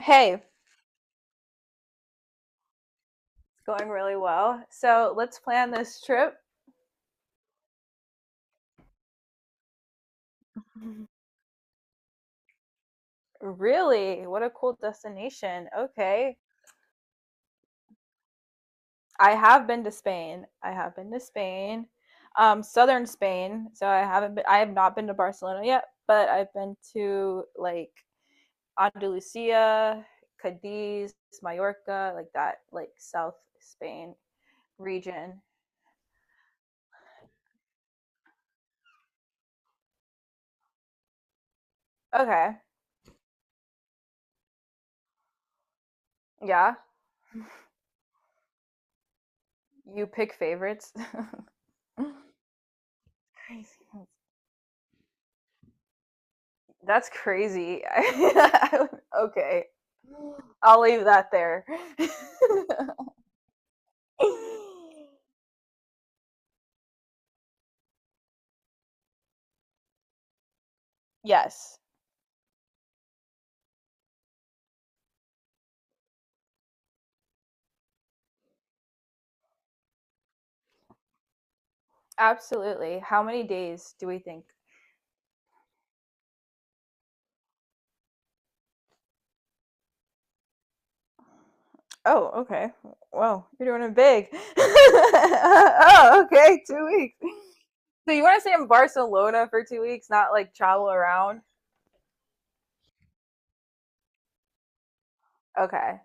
Hey, going really well. So let's plan this trip. Really? What a cool destination. Okay. I have been to Spain. I have been to Spain. Southern Spain. So I have not been to Barcelona yet, but I've been to like Andalusia, Cadiz, Mallorca, like that, like South Spain region. Okay. Yeah. You pick favorites. Crazy. That's crazy. Okay. I'll leave that there. Yes, absolutely. How many days do we think? Oh, okay. Whoa, you're doing it big. Oh, okay, 2 weeks. So you want to stay in Barcelona for 2 weeks, not like travel around? Okay.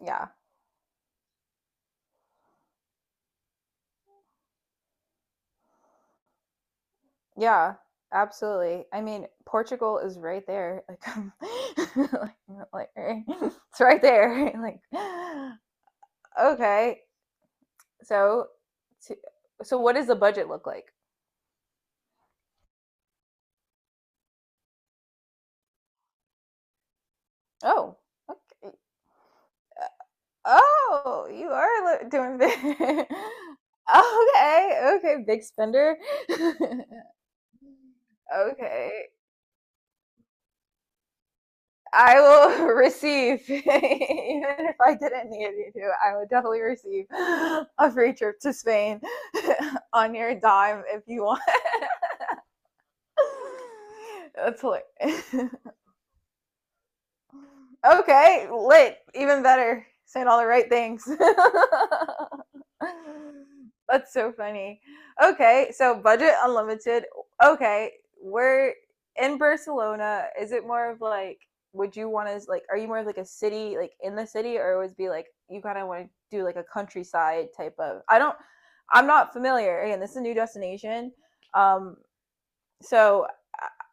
Yeah. Yeah. Absolutely. I mean, Portugal is right there. Like, like, like, right- it's right there. Like, okay. So, t- so what does the budget look like? Oh, okay. Uh, Oh, you are doing big. Okay. Okay. Big spender. Okay. I will receive. Even if I didn't need you to, I would definitely receive a free trip to Spain on your dime if you want. That's hilarious. Okay, lit. Even better. Saying all the right things. That's so funny. Okay, so budget unlimited. Okay, we're in Barcelona. Is it more of like, would you want to, like, are you more of like a city, like in the city, or would it be like, you kind of want to do like a countryside type of? I'm not familiar. Again, this is a new destination. Um, so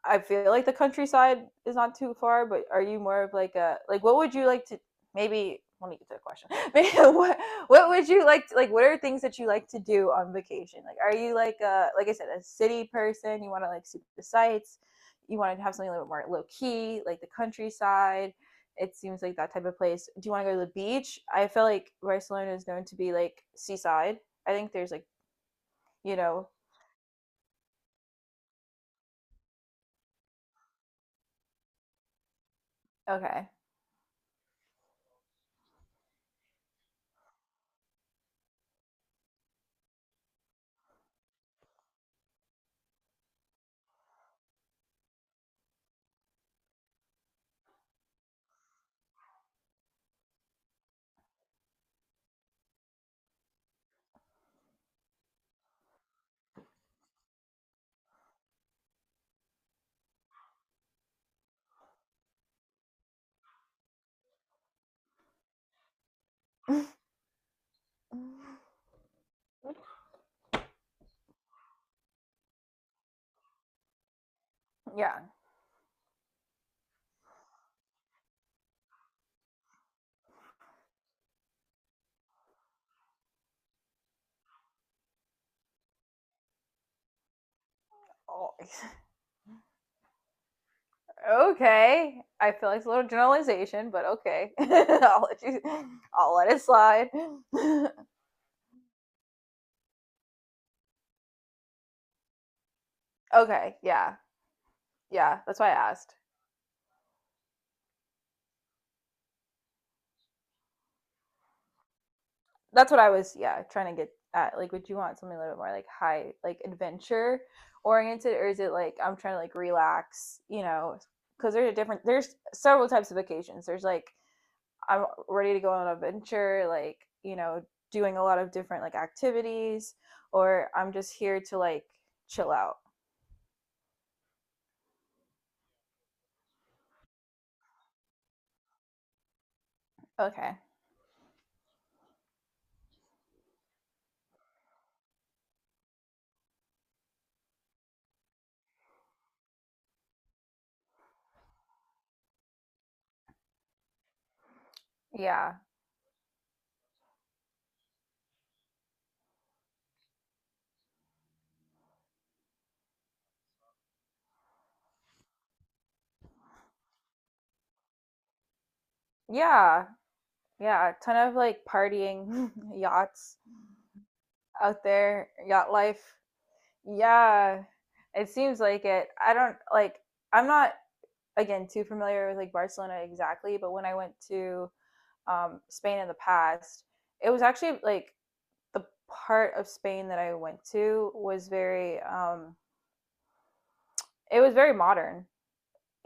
I feel like the countryside is not too far, but are you more of like a like what would you like to maybe let me get to the question. Maybe What would you like to, like what are things that you like to do on vacation? Like are you like a like I said a city person? You want to like see the sights? You want to have something a little bit more low key, like the countryside? It seems like that type of place. Do you want to go to the beach? I feel like Barcelona is known to be like seaside. I think there's like, you know, okay. Yeah. Oh, okay. I feel like it's a little generalization, but okay. I'll let it slide. Okay, yeah. Yeah, that's why I asked. That's what I was, yeah, trying to get at. Like would you want something a little bit more like high, like adventure oriented, or is it like I'm trying to like relax, you know, cuz there's a different there's several types of vacations. There's like I'm ready to go on an adventure, like, you know, doing a lot of different like activities, or I'm just here to like chill out. Okay. Yeah. Yeah. Yeah. A ton of like partying, yachts out there, yacht life. Yeah. It seems like it. I don't like I'm not again too familiar with like Barcelona exactly, but when I went to Spain in the past, it was actually like the part of Spain that I went to was very it was very modern.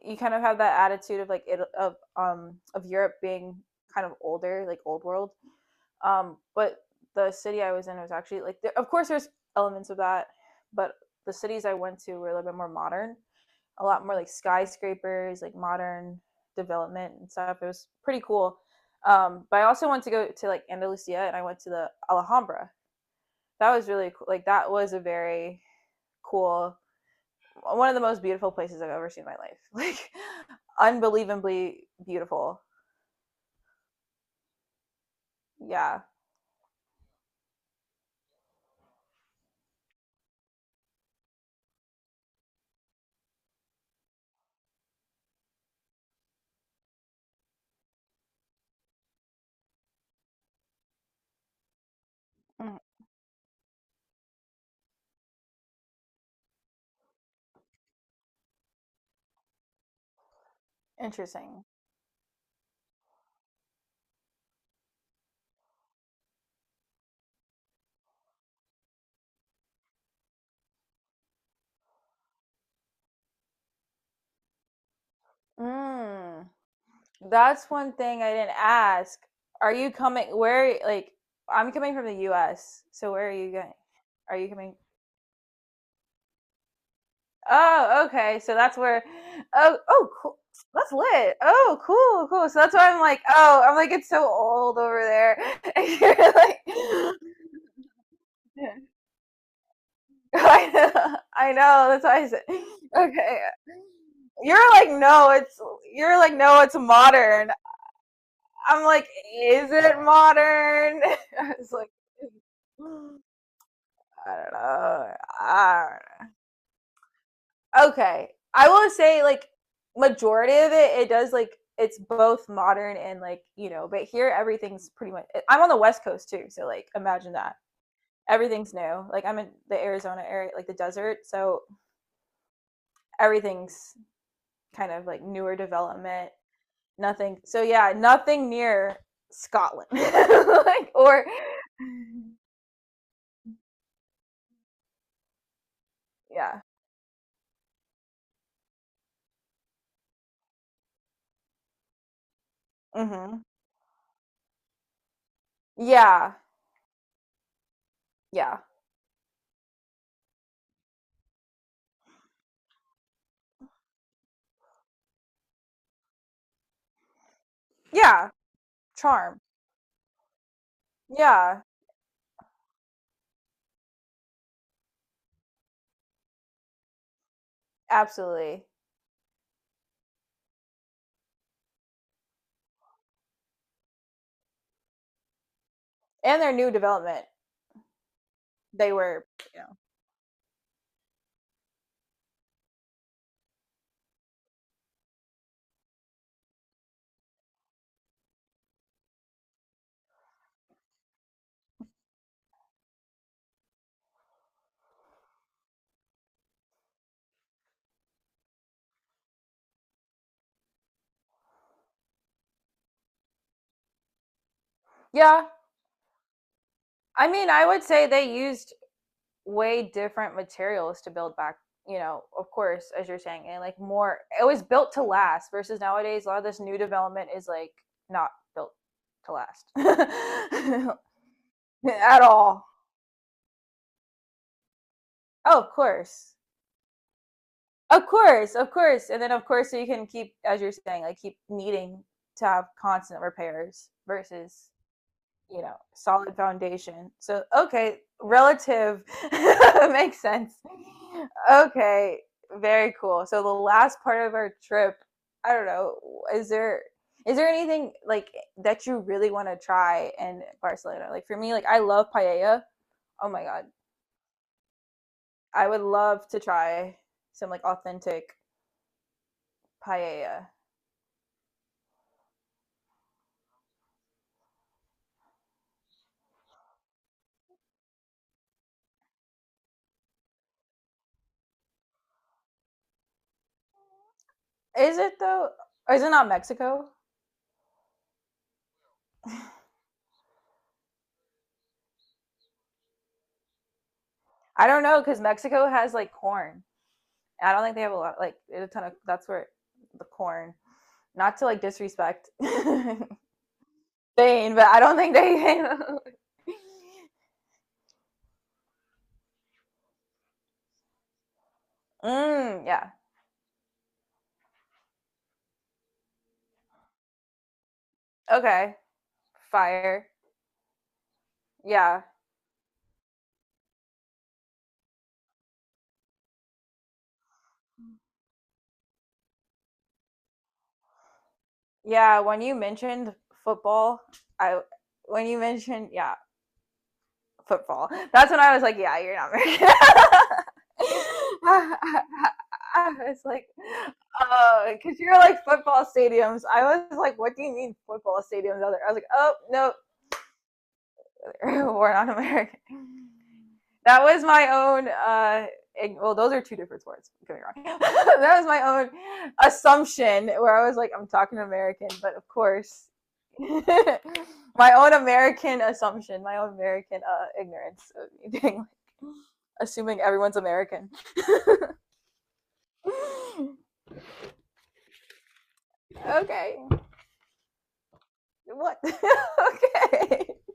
You kind of have that attitude of like it of Europe being kind of older, like old world, but the city I was in was actually like, there, of course, there's elements of that, but the cities I went to were a little bit more modern, a lot more like skyscrapers, like modern development and stuff. It was pretty cool. But I also went to go to like Andalusia, and I went to the Alhambra. That was really cool. Like that was a very cool, one of the most beautiful places I've ever seen in my life, like unbelievably beautiful, yeah. Mm. Interesting. Mm. That's one thing I didn't ask. Are you coming? Where? Like, I'm coming from the U.S. So where are you going? Are you coming? Oh, okay. So that's where. Oh, oh, cool. That's lit. Oh, cool, cool. So that's why I'm like, oh, I'm like, it's so old over there. And you're like, I know, I know. That's why I said, okay. You're like, no, it's. You're like, no, it's modern. I'm like, is it modern? I was like, I don't know. I don't know. Okay. I will say, like, majority of it, it does, like, it's both modern and, like, you know, but here everything's pretty much. I'm on the West Coast too, so, like, imagine that. Everything's new. Like, I'm in the Arizona area, like the desert, so everything's kind of like newer development. Nothing. So, yeah, nothing near Scotland. Like, or, yeah. Mm-hmm. Yeah, yeah, yeah. Charm. Yeah, absolutely. And their new development, they were. Yeah, I mean, I would say they used way different materials to build back. You know, of course, as you're saying, and like more, it was built to last. Versus nowadays, a lot of this new development is like not built to last at all. Oh, of course. Of course, of course. And then of course, so you can keep, as you're saying, like keep needing to have constant repairs versus, you know, solid foundation. So okay, relative makes sense. Okay, very cool. So the last part of our trip, I don't know, is there is there anything like that you really want to try in Barcelona? Like for me, like I love paella. Oh my god. I would love to try some like authentic paella. Is it though? Or is it not Mexico? I don't know because Mexico has like corn. I don't think they have a lot, like a ton of. That's where the corn. Not to like disrespect Spain, but I don't think they. Mm, yeah. Okay. Fire. Yeah. Yeah. Football, I when you mentioned, yeah, football. That's when I was like, yeah, you're not American. I I, I was like, oh, because you're like football stadiums. I was like, what do you mean football stadiums out there? I was like, oh, no, we're not American. That was my own, Well, those are two different sports. Don't get me wrong. That was my own assumption where I was like, I'm talking American, but of course, my own American assumption, my own American ignorance of me doing assuming everyone's American. Okay. What? Okay.